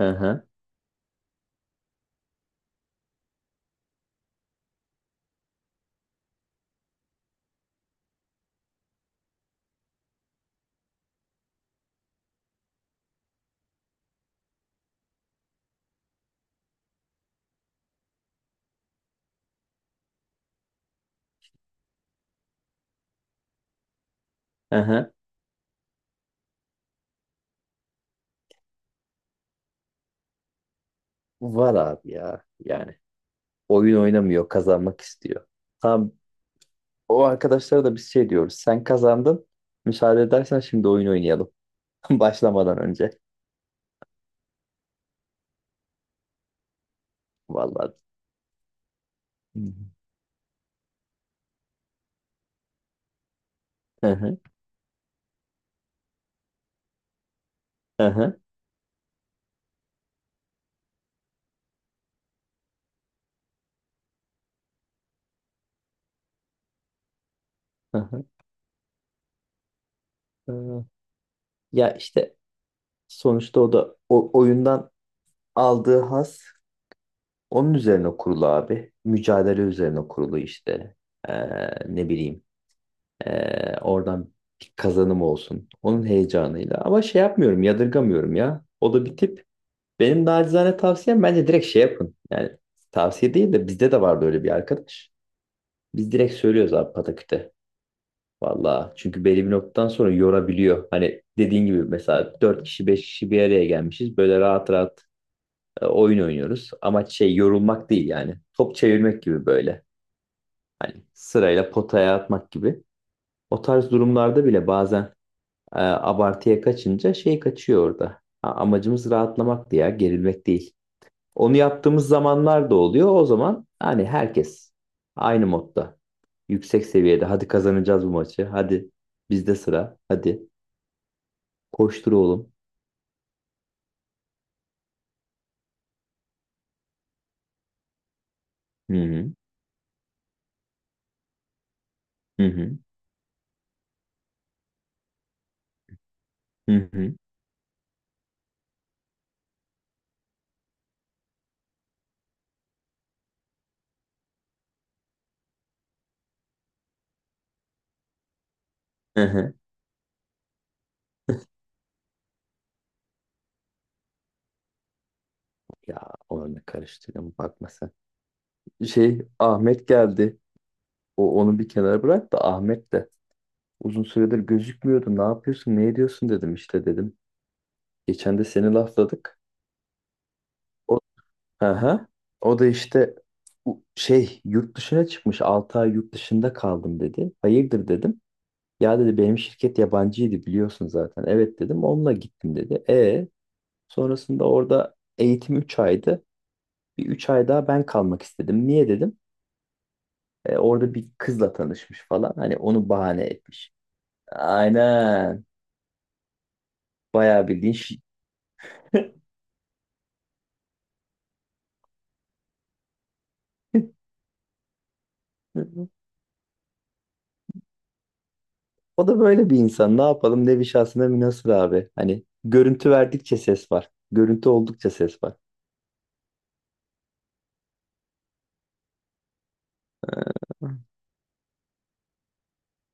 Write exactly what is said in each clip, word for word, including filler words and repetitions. Hı hı, hı hı. Var abi ya. Yani oyun oynamıyor, kazanmak istiyor. Tam o arkadaşlara da biz şey diyoruz. Sen kazandın. Müsaade edersen şimdi oyun oynayalım. Başlamadan önce. Vallahi. Hı hı, hı hı, hı hı. Ee, Ya işte sonuçta o da o oyundan aldığı haz onun üzerine kurulu abi. Mücadele üzerine kurulu işte. Ee, ne bileyim. Ee, oradan bir kazanım olsun. Onun heyecanıyla. Ama şey yapmıyorum, yadırgamıyorum ya. O da bir tip. Benim nacizane tavsiyem bence direkt şey yapın. Yani tavsiye değil de bizde de vardı öyle bir arkadaş. Biz direkt söylüyoruz abi pataküte. Valla çünkü belli bir noktadan sonra yorabiliyor. Hani dediğin gibi mesela dört kişi beş kişi bir araya gelmişiz. Böyle rahat rahat e, oyun oynuyoruz. Amaç şey yorulmak değil yani. Top çevirmek gibi böyle. Hani sırayla potaya atmak gibi. O tarz durumlarda bile bazen e, abartıya kaçınca şey kaçıyor orada. A- Amacımız rahatlamak ya, gerilmek değil. Onu yaptığımız zamanlar da oluyor. O zaman hani herkes aynı modda, yüksek seviyede. Hadi kazanacağız bu maçı. Hadi bizde sıra. Hadi koştur oğlum. Hı hı. Hı hı. Hı hı. Hı hı. Ya onu ne karıştırıyorum bakma sen. Şey Ahmet geldi. O onu bir kenara bırak da Ahmet de uzun süredir gözükmüyordu. Ne yapıyorsun? Ne ediyorsun dedim işte dedim. Geçen de seni lafladık. O aha. O da işte u- şey yurt dışına çıkmış altı ay yurt dışında kaldım dedi. Hayırdır dedim. Ya dedi benim şirket yabancıydı biliyorsun zaten. Evet dedim onunla gittim dedi. E sonrasında orada eğitim üç aydı. Bir üç ay daha ben kalmak istedim. Niye dedim. E, orada bir kızla tanışmış falan. Hani onu bahane etmiş. Aynen. Bayağı bildiğin şey. O da böyle bir insan. Ne yapalım? Nevi şahsına münhasır abi. Hani görüntü verdikçe ses var. Görüntü oldukça ses var.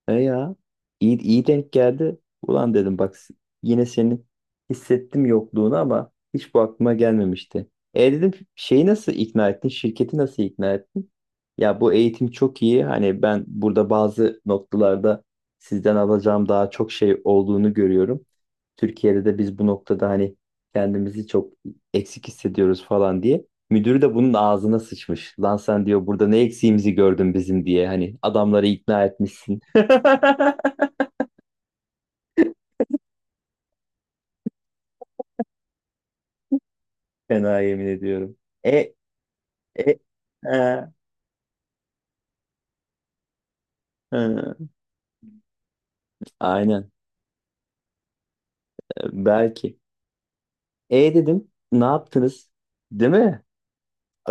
E ya iyi, iyi denk geldi. Ulan dedim bak s- yine senin hissettim yokluğunu ama hiç bu aklıma gelmemişti. E dedim şeyi nasıl ikna ettin? Şirketi nasıl ikna ettin? Ya bu eğitim çok iyi. Hani ben burada bazı noktalarda sizden alacağım daha çok şey olduğunu görüyorum. Türkiye'de de biz bu noktada hani kendimizi çok eksik hissediyoruz falan diye. Müdür de bunun ağzına sıçmış. Lan sen diyor burada ne eksiğimizi gördün bizim diye. Hani adamları ikna etmişsin. Fena yemin ediyorum. E, e, e, e. Aynen. Belki. E dedim. Ne yaptınız? Değil mi?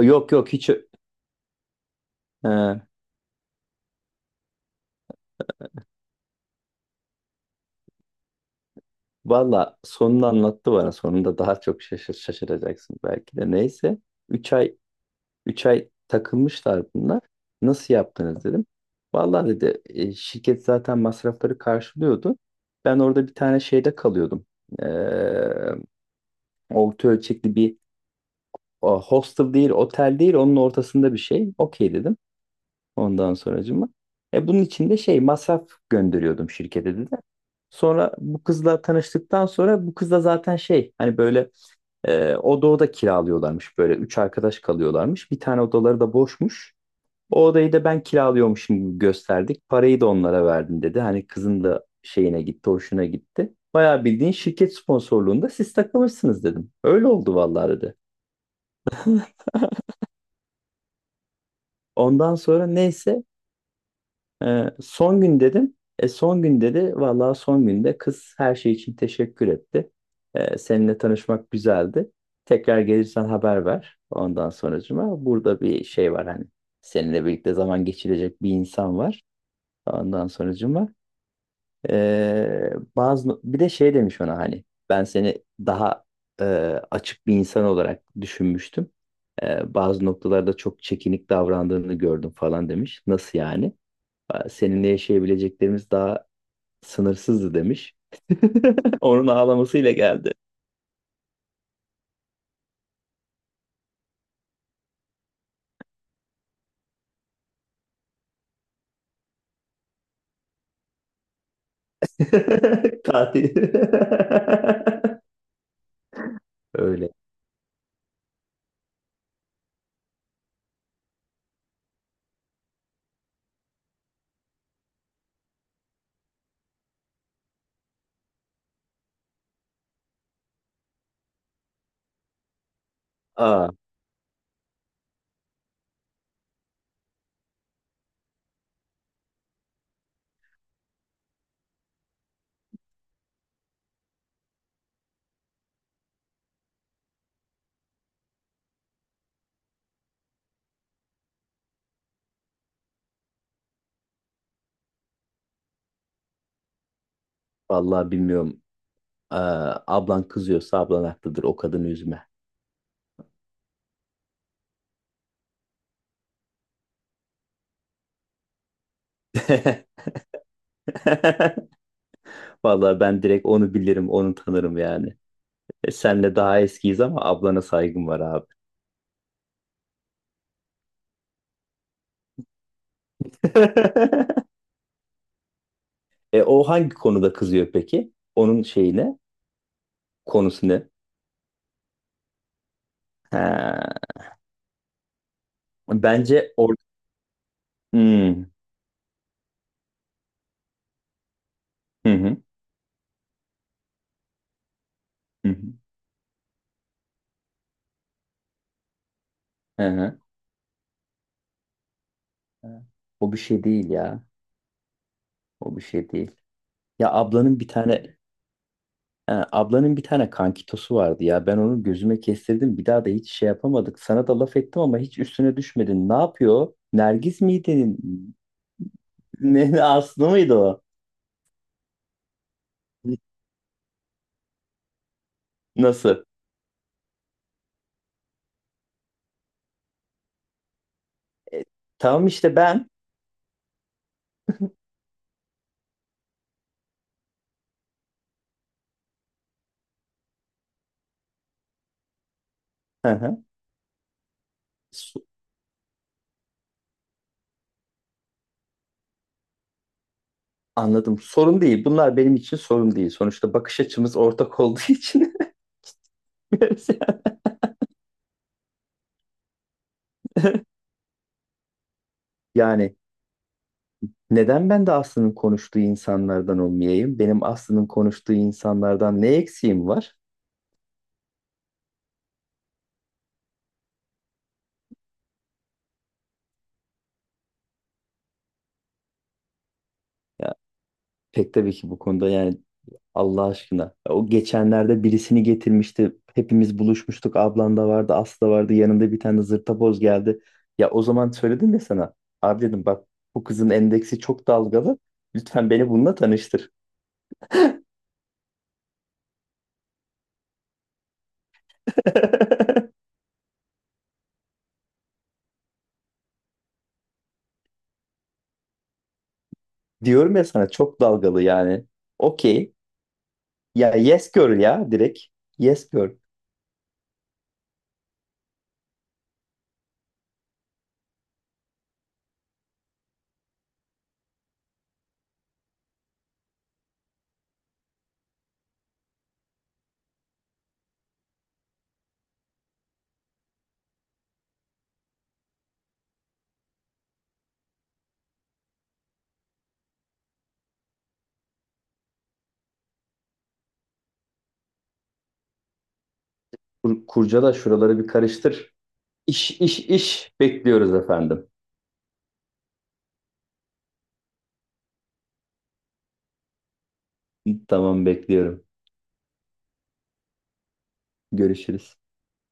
Yok yok hiç. ö- Ha. Valla sonunu anlattı bana. Sonunda daha çok şaşır, şaşıracaksın belki de. Neyse. üç ay Üç ay takılmışlar bunlar. Nasıl yaptınız dedim. Vallahi dedi, "e, şirket zaten masrafları karşılıyordu. Ben orada bir tane şeyde kalıyordum. Ee, Orta ölçekli bir o, hostel değil, otel değil, onun ortasında bir şey. Okey dedim. Ondan sonracıma. E bunun için de şey masraf gönderiyordum şirkete dedi. Sonra bu kızla tanıştıktan sonra bu kızla zaten şey hani böyle e, oda oda kiralıyorlarmış böyle üç arkadaş kalıyorlarmış. Bir tane odaları da boşmuş. O odayı da ben kiralıyormuşum gibi gösterdik. Parayı da onlara verdim dedi. Hani kızın da şeyine gitti, hoşuna gitti. Bayağı bildiğin şirket sponsorluğunda siz takılmışsınız dedim. Öyle oldu vallahi dedi. Ondan sonra neyse e, son gün dedim. E, son gün dedi. Vallahi son günde kız her şey için teşekkür etti. E, seninle tanışmak güzeldi. Tekrar gelirsen haber ver. Ondan sonracıma burada bir şey var hani. Seninle birlikte zaman geçirecek bir insan var. Ondan sonracıma Ee, bazı no-, bir de şey demiş ona hani ben seni daha e, açık bir insan olarak düşünmüştüm. Ee, bazı noktalarda çok çekinik davrandığını gördüm falan demiş. Nasıl yani? Aa, seninle yaşayabileceklerimiz daha sınırsızdı demiş. Onun ağlamasıyla geldi. Tatil. Öyle. Aa, vallahi bilmiyorum. Aa, ablan kızıyorsa ablan haklıdır. O kadını üzme. Vallahi ben direkt onu bilirim, onu tanırım yani. E, senle daha eskiyiz ama ablana saygım var abi. E, o hangi konuda kızıyor peki? Onun şeyi ne? Konusu ne? Ha, bence or hmm, hı hı. Hı hı. Hı hı. O bir şey değil ya. O bir şey değil. Ya ablanın bir tane ha, ablanın bir tane kankitosu vardı ya. Ben onu gözüme kestirdim. Bir daha da hiç şey yapamadık. Sana da laf ettim ama hiç üstüne düşmedin. Ne yapıyor? Nergiz miydi? Ne Aslı mıydı o? Nasıl? E, tamam işte ben. Hı hı. So- Anladım. Sorun değil. Bunlar benim için sorun değil. Sonuçta bakış açımız ortak olduğu için. Yani neden ben de Aslı'nın konuştuğu insanlardan olmayayım? Benim Aslı'nın konuştuğu insanlardan ne eksiğim var? Ya pek tabii ki bu konuda yani Allah aşkına. O geçenlerde birisini getirmişti. Hepimiz buluşmuştuk. Ablan da vardı, Aslı da vardı. Yanında bir tane zırtaboz geldi. Ya o zaman söyledim ya sana. Abi dedim bak bu kızın endeksi çok dalgalı. Lütfen beni bununla tanıştır. Diyorum ya sana çok dalgalı yani. Okey. Ya yes girl ya direkt. Yes girl. Kur kurcala şuraları bir karıştır. İş iş iş. Bekliyoruz efendim. Tamam bekliyorum. Görüşürüz.